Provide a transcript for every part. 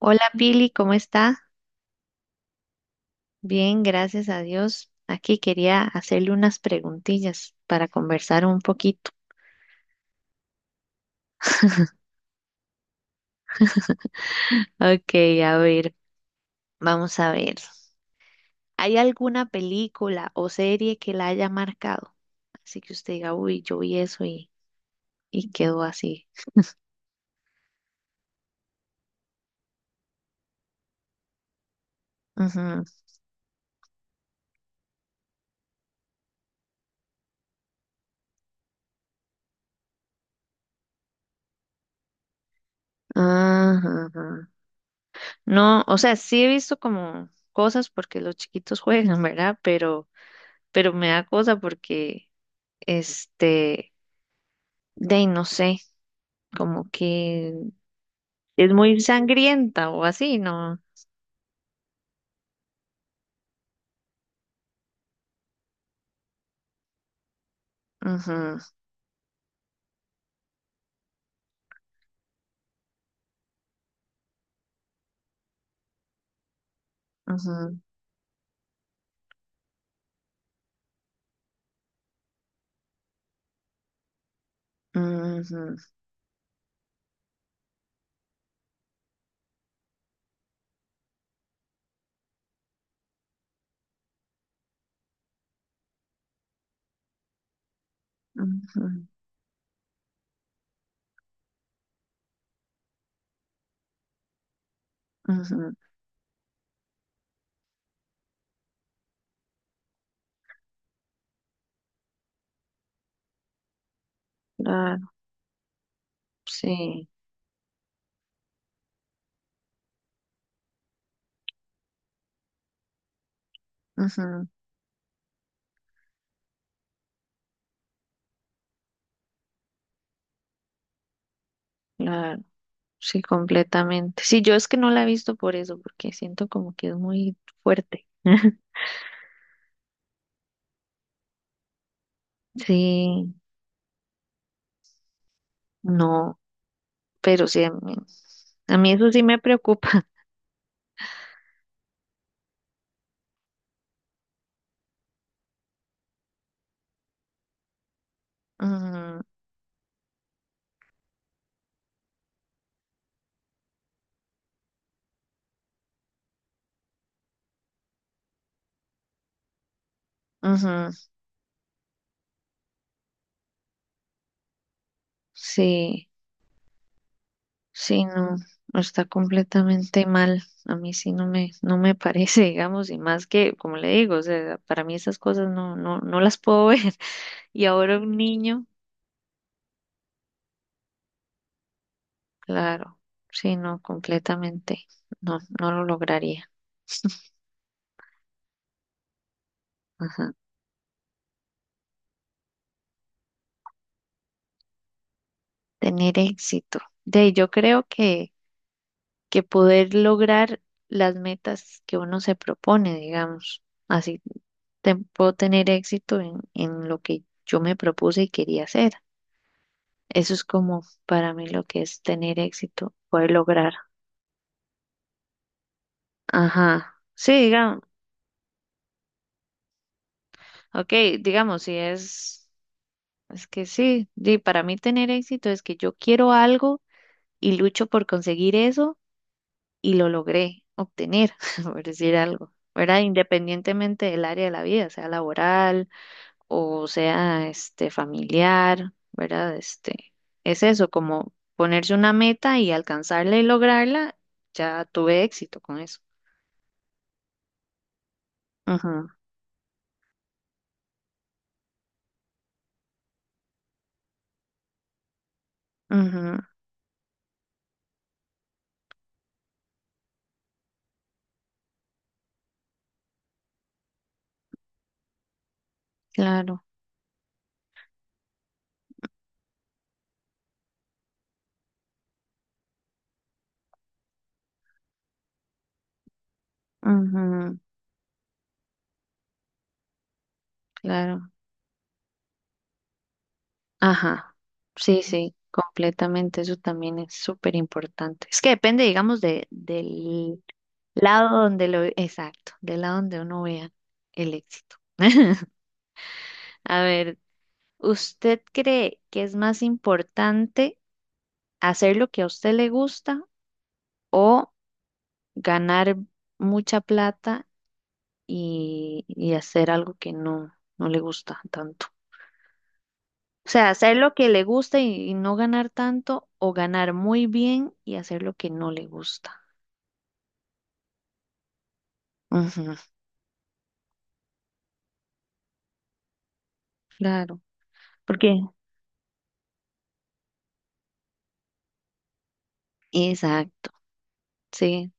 Hola Pili, ¿cómo está? Bien, gracias a Dios. Aquí quería hacerle unas preguntillas para conversar un poquito. Ok, a ver, vamos a ver. ¿Hay alguna película o serie que la haya marcado? Así que usted diga, uy, yo vi eso y quedó así. Ujú. Ah, Ajá, ajá. No, o sea, sí he visto como cosas porque los chiquitos juegan, ¿verdad? Pero me da cosa porque, este, de ahí no sé, como que es muy sangrienta o así, ¿no? Ujú, ujú, ujú, ujú, ujú, claro, sí, ujú, claro, sí, completamente. Sí, yo es que no la he visto por eso, porque siento como que es muy fuerte. Sí, no, pero sí, a mí eso sí me preocupa. Ujú, ujú, sí. Sí, no, está completamente mal. A mí sí no me parece, digamos, y más que, como le digo, o sea, para mí esas cosas no, no, no las puedo ver. Y ahora un niño, claro, sí, no, completamente, no, no lo lograría. Ajá. Tener éxito. De ahí yo creo que poder lograr las metas que uno se propone, digamos, así puedo tener éxito en lo que yo me propuse y quería hacer. Eso es como para mí lo que es tener éxito, poder lograr. Ajá. Sí, digamos, ok, digamos, si es, es que sí, di, para mí tener éxito es que yo quiero algo y lucho por conseguir eso y lo logré obtener, por decir algo, ¿verdad? Independientemente del área de la vida, sea laboral o sea, familiar, ¿verdad? Es eso, como ponerse una meta y alcanzarla y lograrla, ya tuve éxito con eso. Ujú, ujú, claro, ujú, claro, ajá, sí, sí, completamente, eso también es súper importante. Es que depende, digamos, del lado donde lo, exacto, del lado donde uno vea el éxito. A ver, ¿usted cree que es más importante hacer lo que a usted le gusta o ganar mucha plata y hacer algo que no, no le gusta tanto? O sea, hacer lo que le gusta y no ganar tanto o ganar muy bien y hacer lo que no le gusta. Ujú, claro. Porque, exacto, sí.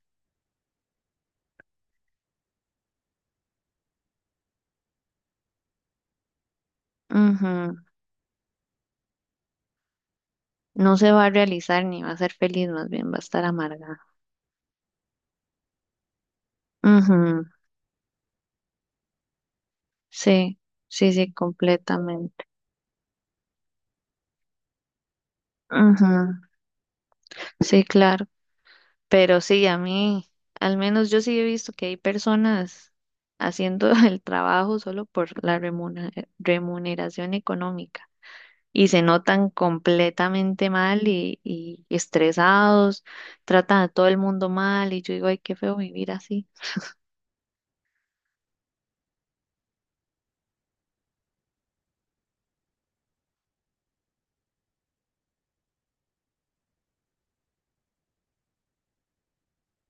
Ujú, no se va a realizar ni va a ser feliz, más bien va a estar amargada. Ujú, sí, sí, sí, completamente. Ujú, sí, claro. Pero sí, a mí, al menos yo sí he visto que hay personas haciendo el trabajo solo por la remuneración económica. Y se notan completamente mal y estresados, tratan a todo el mundo mal y yo digo, ay, qué feo vivir así.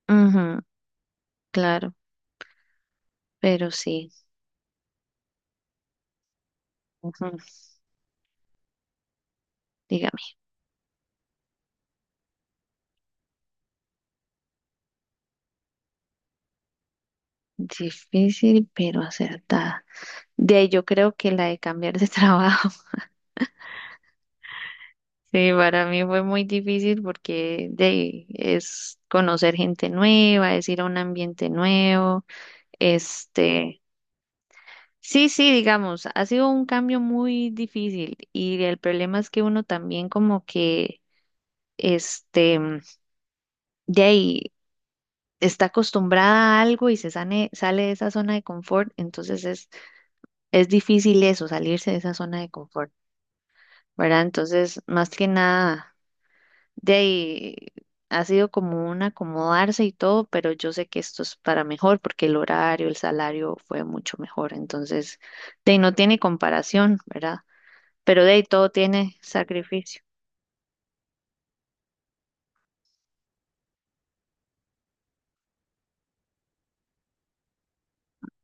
Ujú, claro, pero sí, ujú, dígame, difícil pero acertada. De ahí yo creo que la de cambiar de trabajo, sí, para mí fue muy difícil porque de ahí es conocer gente nueva, es ir a un ambiente nuevo, este, sí, sí, digamos, ha sido un cambio muy difícil y el problema es que uno también como que, este, de ahí está acostumbrada a algo y se sale de esa zona de confort, entonces es difícil eso, salirse de esa zona de confort, ¿verdad? Entonces, más que nada, de ahí ha sido como un acomodarse y todo, pero yo sé que esto es para mejor porque el horario, el salario fue mucho mejor, entonces, de ahí no tiene comparación, ¿verdad? Pero de ahí todo tiene sacrificio.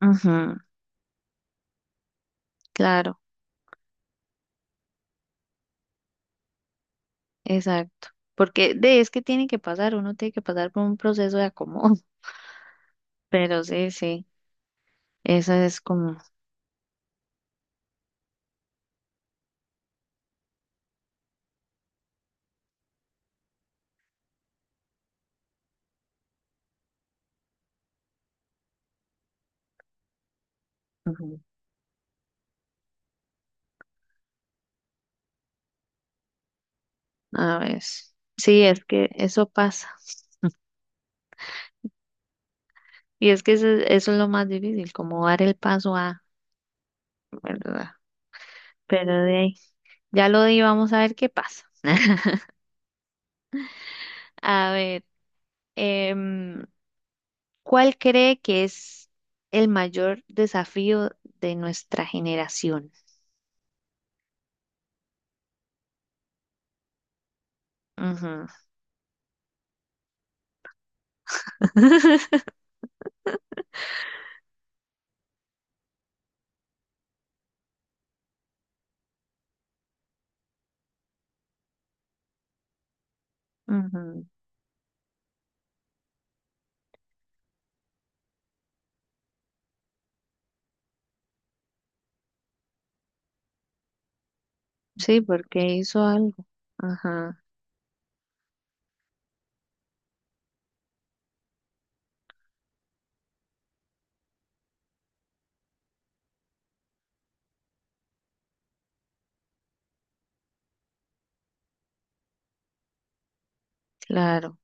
Ujú. Claro, exacto. Porque de es que tiene que pasar, uno tiene que pasar por un proceso de acomodo. Pero sí, sí, esa es como, ujú, a ver, sí, es que eso pasa. Y es que eso es lo más difícil, como dar el paso a, ¿verdad? Pero de ahí, ya lo di, vamos a ver qué pasa. A ver, em, ¿cuál cree que es el mayor desafío de nuestra generación? Ujú, ujú. Sí, porque hizo algo. Ajá, claro.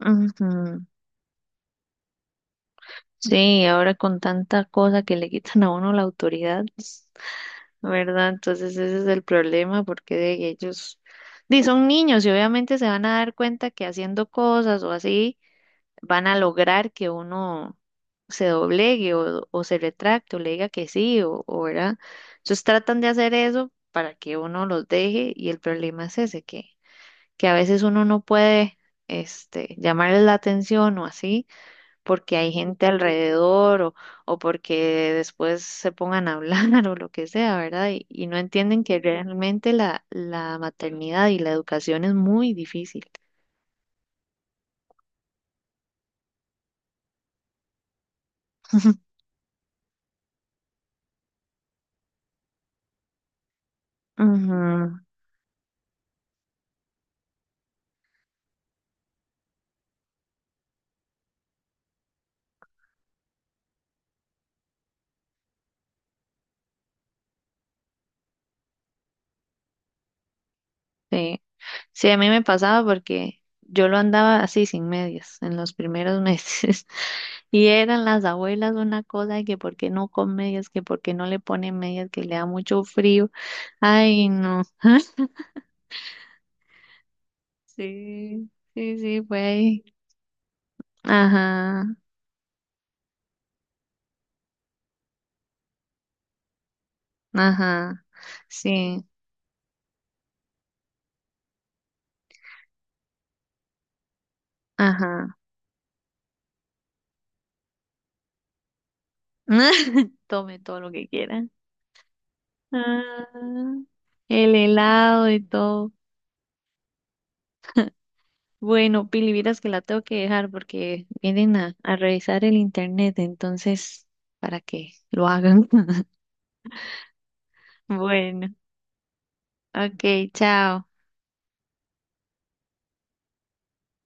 Ujú. Sí, ahora con tanta cosa que le quitan a uno la autoridad, ¿verdad? Entonces ese es el problema porque de ellos di, son niños y obviamente se van a dar cuenta que haciendo cosas o así van a lograr que uno se doblegue o se retracte o le diga que sí o ¿verdad? Entonces tratan de hacer eso para que uno los deje y el problema es ese que a veces uno no puede llamarles la atención o así, porque hay gente alrededor o porque después se pongan a hablar o lo que sea, ¿verdad? Y no entienden que realmente la maternidad y la educación es muy difícil. Ujú, sí. Sí, a mí me pasaba porque yo lo andaba así sin medias en los primeros meses y eran las abuelas una cosa de que por qué no con medias, que por qué no le ponen medias, que le da mucho frío. Ay, no. Sí, sí, sí, fue ahí. Ajá, ajá, sí, ajá. Tome todo lo que quiera. Ah, el helado y todo. Bueno, Pili, vieras que la tengo que dejar porque vienen a revisar el internet, entonces, para que lo hagan. Bueno, ok, chao.